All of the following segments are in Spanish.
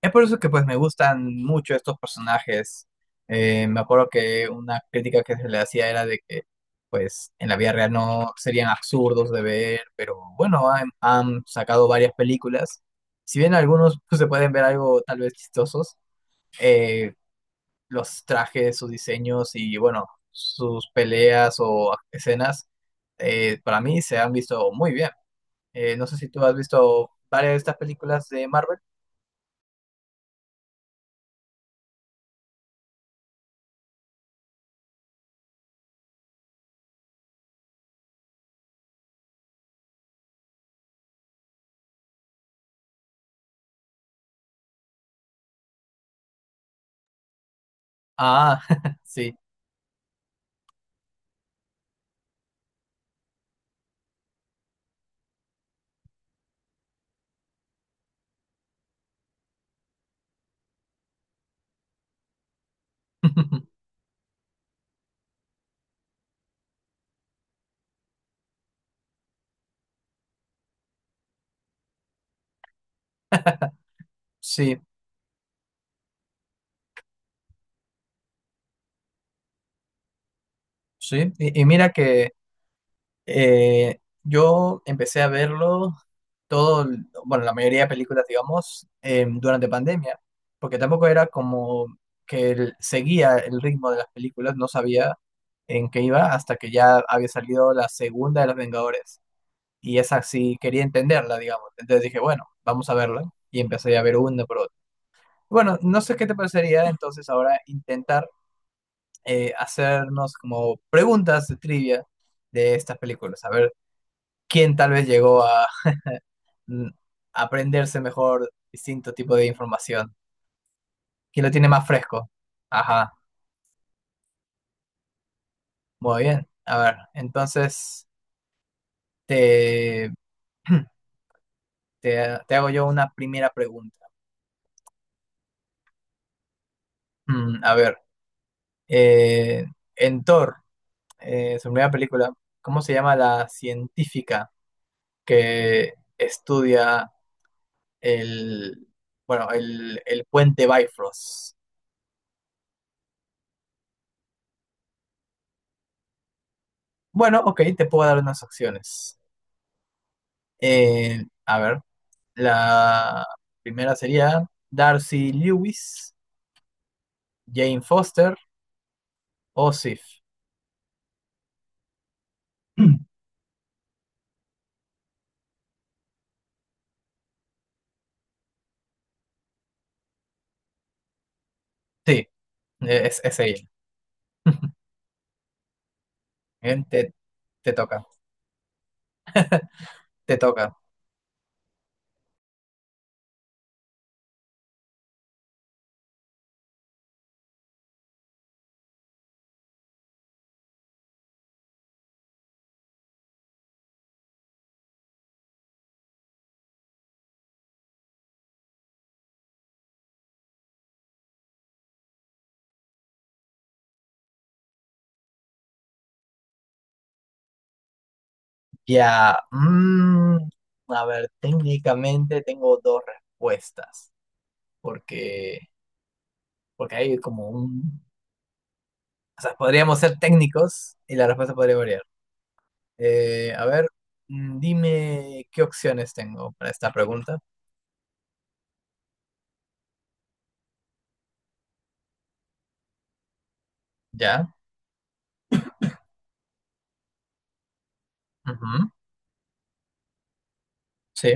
Es por eso que pues me gustan mucho estos personajes. Me acuerdo que una crítica que se le hacía era de que pues en la vida real no serían absurdos de ver, pero bueno, han sacado varias películas. Si bien algunos pues, se pueden ver algo tal vez chistosos, eh, los trajes, sus diseños y bueno, sus peleas o escenas, para mí se han visto muy bien. No sé si tú has visto varias de estas películas de Marvel. Ah, sí. Sí, sí. Y mira que yo empecé a verlo todo, bueno, la mayoría de películas, digamos, durante pandemia, porque tampoco era como que seguía el ritmo de las películas, no sabía en qué iba hasta que ya había salido la segunda de Los Vengadores. Y esa sí quería entenderla, digamos. Entonces dije, bueno, vamos a verla. Y empecé a ver una por otra. Bueno, no sé qué te parecería entonces ahora intentar hacernos como preguntas de trivia de estas películas, a ver quién tal vez llegó a mm, aprenderse mejor distinto tipo de información, quién lo tiene más fresco. Ajá, muy bien. A ver, entonces te, te hago yo una primera pregunta. A ver, eh, en Thor, su primera película, ¿cómo se llama la científica que estudia El, bueno, el puente Bifrost? Bueno, ok, te puedo dar unas opciones. A ver, la primera sería Darcy Lewis, Jane Foster o Sif. Sí, es ella. Bien, te toca, te toca. Ya, mm, a ver, técnicamente tengo dos respuestas, porque, porque hay como un... O sea, podríamos ser técnicos y la respuesta podría variar. A ver, dime qué opciones tengo para esta pregunta. Ya, ujú, sí,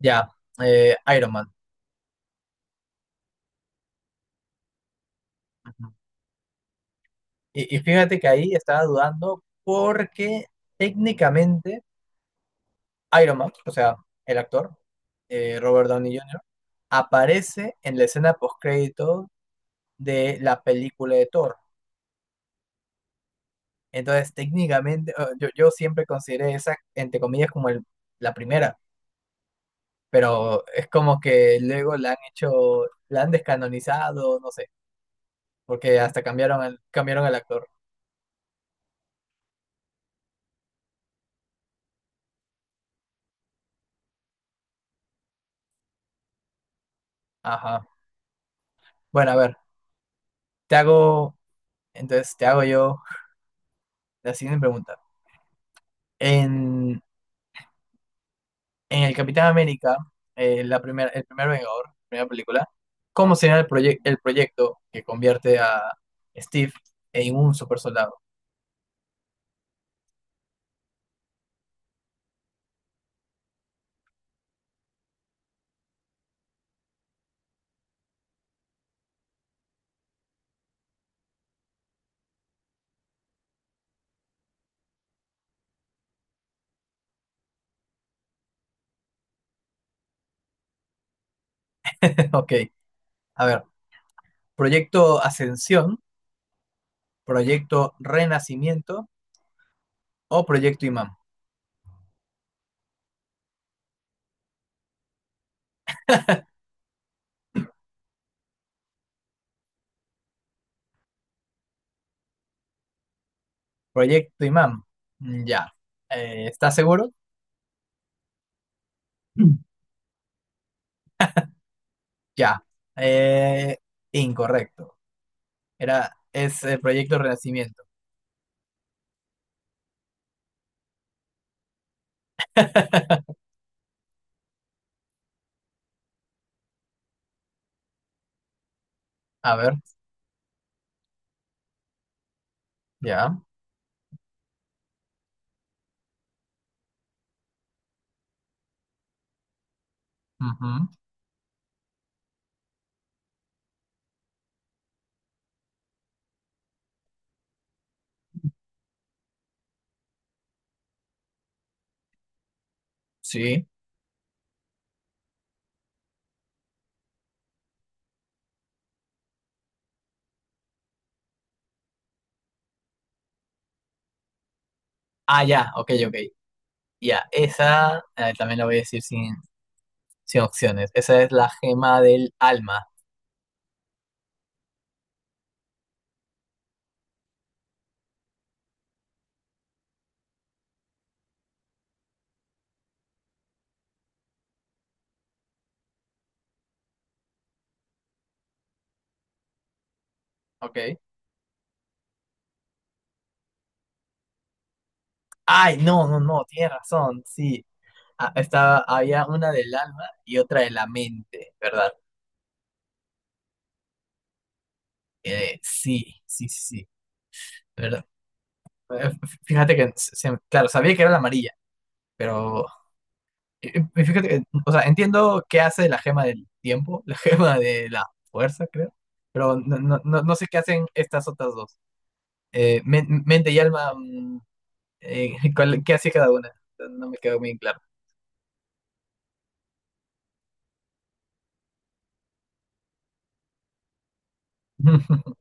ya, Iron Man. Ujú. Y fíjate que ahí estaba dudando porque técnicamente Iron Man, o sea, el actor, Robert Downey Jr., aparece en la escena postcrédito de la película de Thor. Entonces, técnicamente, yo siempre consideré esa, entre comillas, como la primera. Pero es como que luego la han hecho, la han descanonizado, no sé, porque hasta cambiaron cambiaron el actor. Ajá. Bueno, a ver, te hago, entonces te hago yo la siguiente pregunta. En, en el Capitán América, la primera, el primer Vengador, primera película, ¿cómo será el, el proyecto que convierte a Steve en un super soldado? Ok, a ver, proyecto Ascensión, proyecto Renacimiento o proyecto Imán. Proyecto Imam, mm, ya. ¿Estás seguro? Mm. Ya. Eh, Incorrecto. Es el Proyecto Renacimiento. A ver, ya. Ujú, sí. Ah, ya, ok, ok. Ya, esa, también la voy a decir sin opciones. Esa es la gema del alma. Ok. Ay, no, no, no, tienes razón, sí. Ah, estaba, había una del alma y otra de la mente, ¿verdad? Sí, sí, sí. Sí. Pero eh, fíjate que, claro, sabía que era la amarilla, pero fíjate que, o sea, entiendo qué hace la gema del tiempo, la gema de la fuerza, creo, pero no, no, no, no sé qué hacen estas otras dos. Mente y alma, ¿cuál- ¿qué hacía cada una? No me quedó muy claro.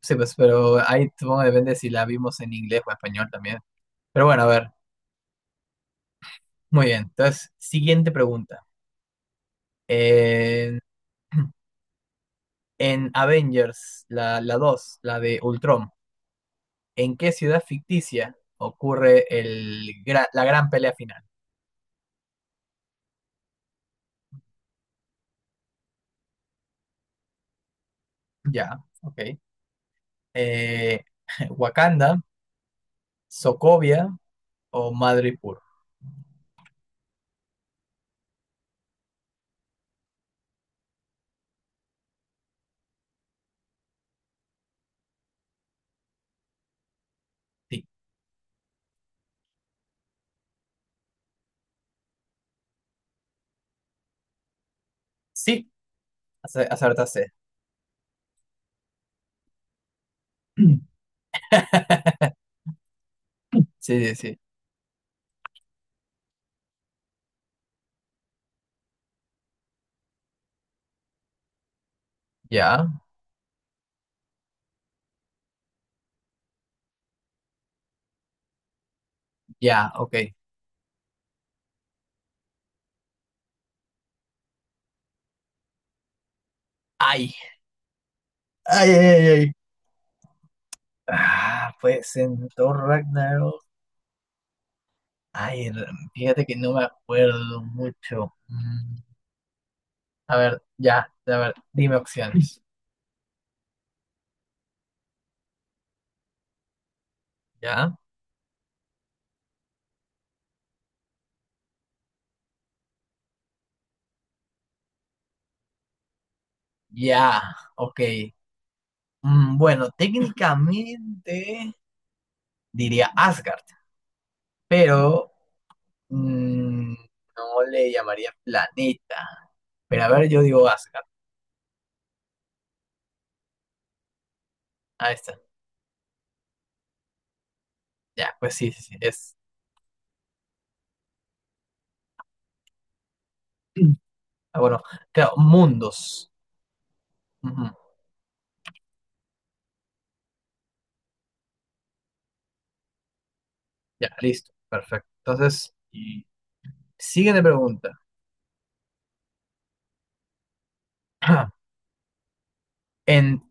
Sí, pues, pero ahí supongo que depende si la vimos en inglés o español también. Pero bueno, a ver, muy bien. Entonces, siguiente pregunta. Eh, en Avengers, la 2 la de Ultron. ¿En qué ciudad ficticia ocurre la gran pelea final? Ya, ok. Eh, Wakanda, Sokovia o Madripoor. Sí, sí, acertaste. Sí, sí, sí. Ya, ya, ok. Ay, ay, ay, ay. Ah, pues en Thor Ragnarok. Ay, fíjate que no me acuerdo mucho. A ver, ya, a ver, dime opciones. Ya, ya, ok. Bueno, técnicamente diría Asgard, pero mm, no le llamaría planeta. Pero a ver, yo digo Asgard. Ahí está. Ya, pues sí, sí, sí, es. Ah, bueno, claro, mundos. Ujú, ya, listo, perfecto. Entonces, y siguiente pregunta. En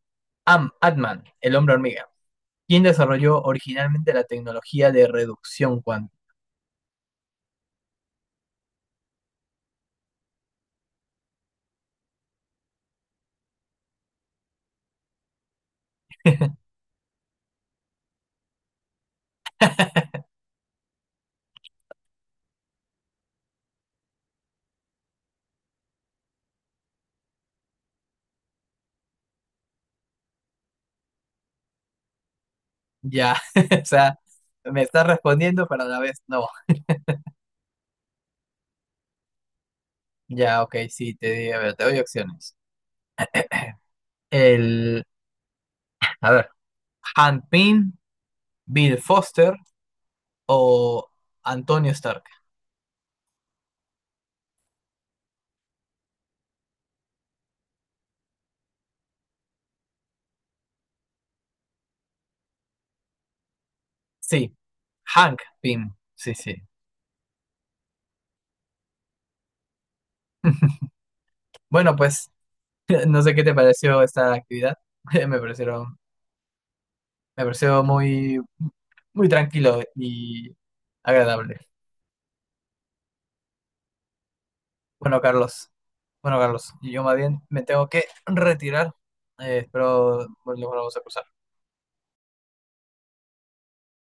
Am Ant-Man, el hombre hormiga, ¿quién desarrolló originalmente la tecnología de reducción cuántica? Ya, o sea, me está respondiendo, pero a la vez no. Ya, ok, sí, te di, a ver, te doy opciones. El, a ver, Hank Pym, Bill Foster o Antonio Stark. Sí, Hank Pym, sí, sí. Bueno, pues, no sé qué te pareció esta actividad. Me parecieron, me pareció muy, muy tranquilo y agradable. Bueno, Carlos, bueno, Carlos, yo más bien me tengo que retirar. Espero volvamos a cruzar.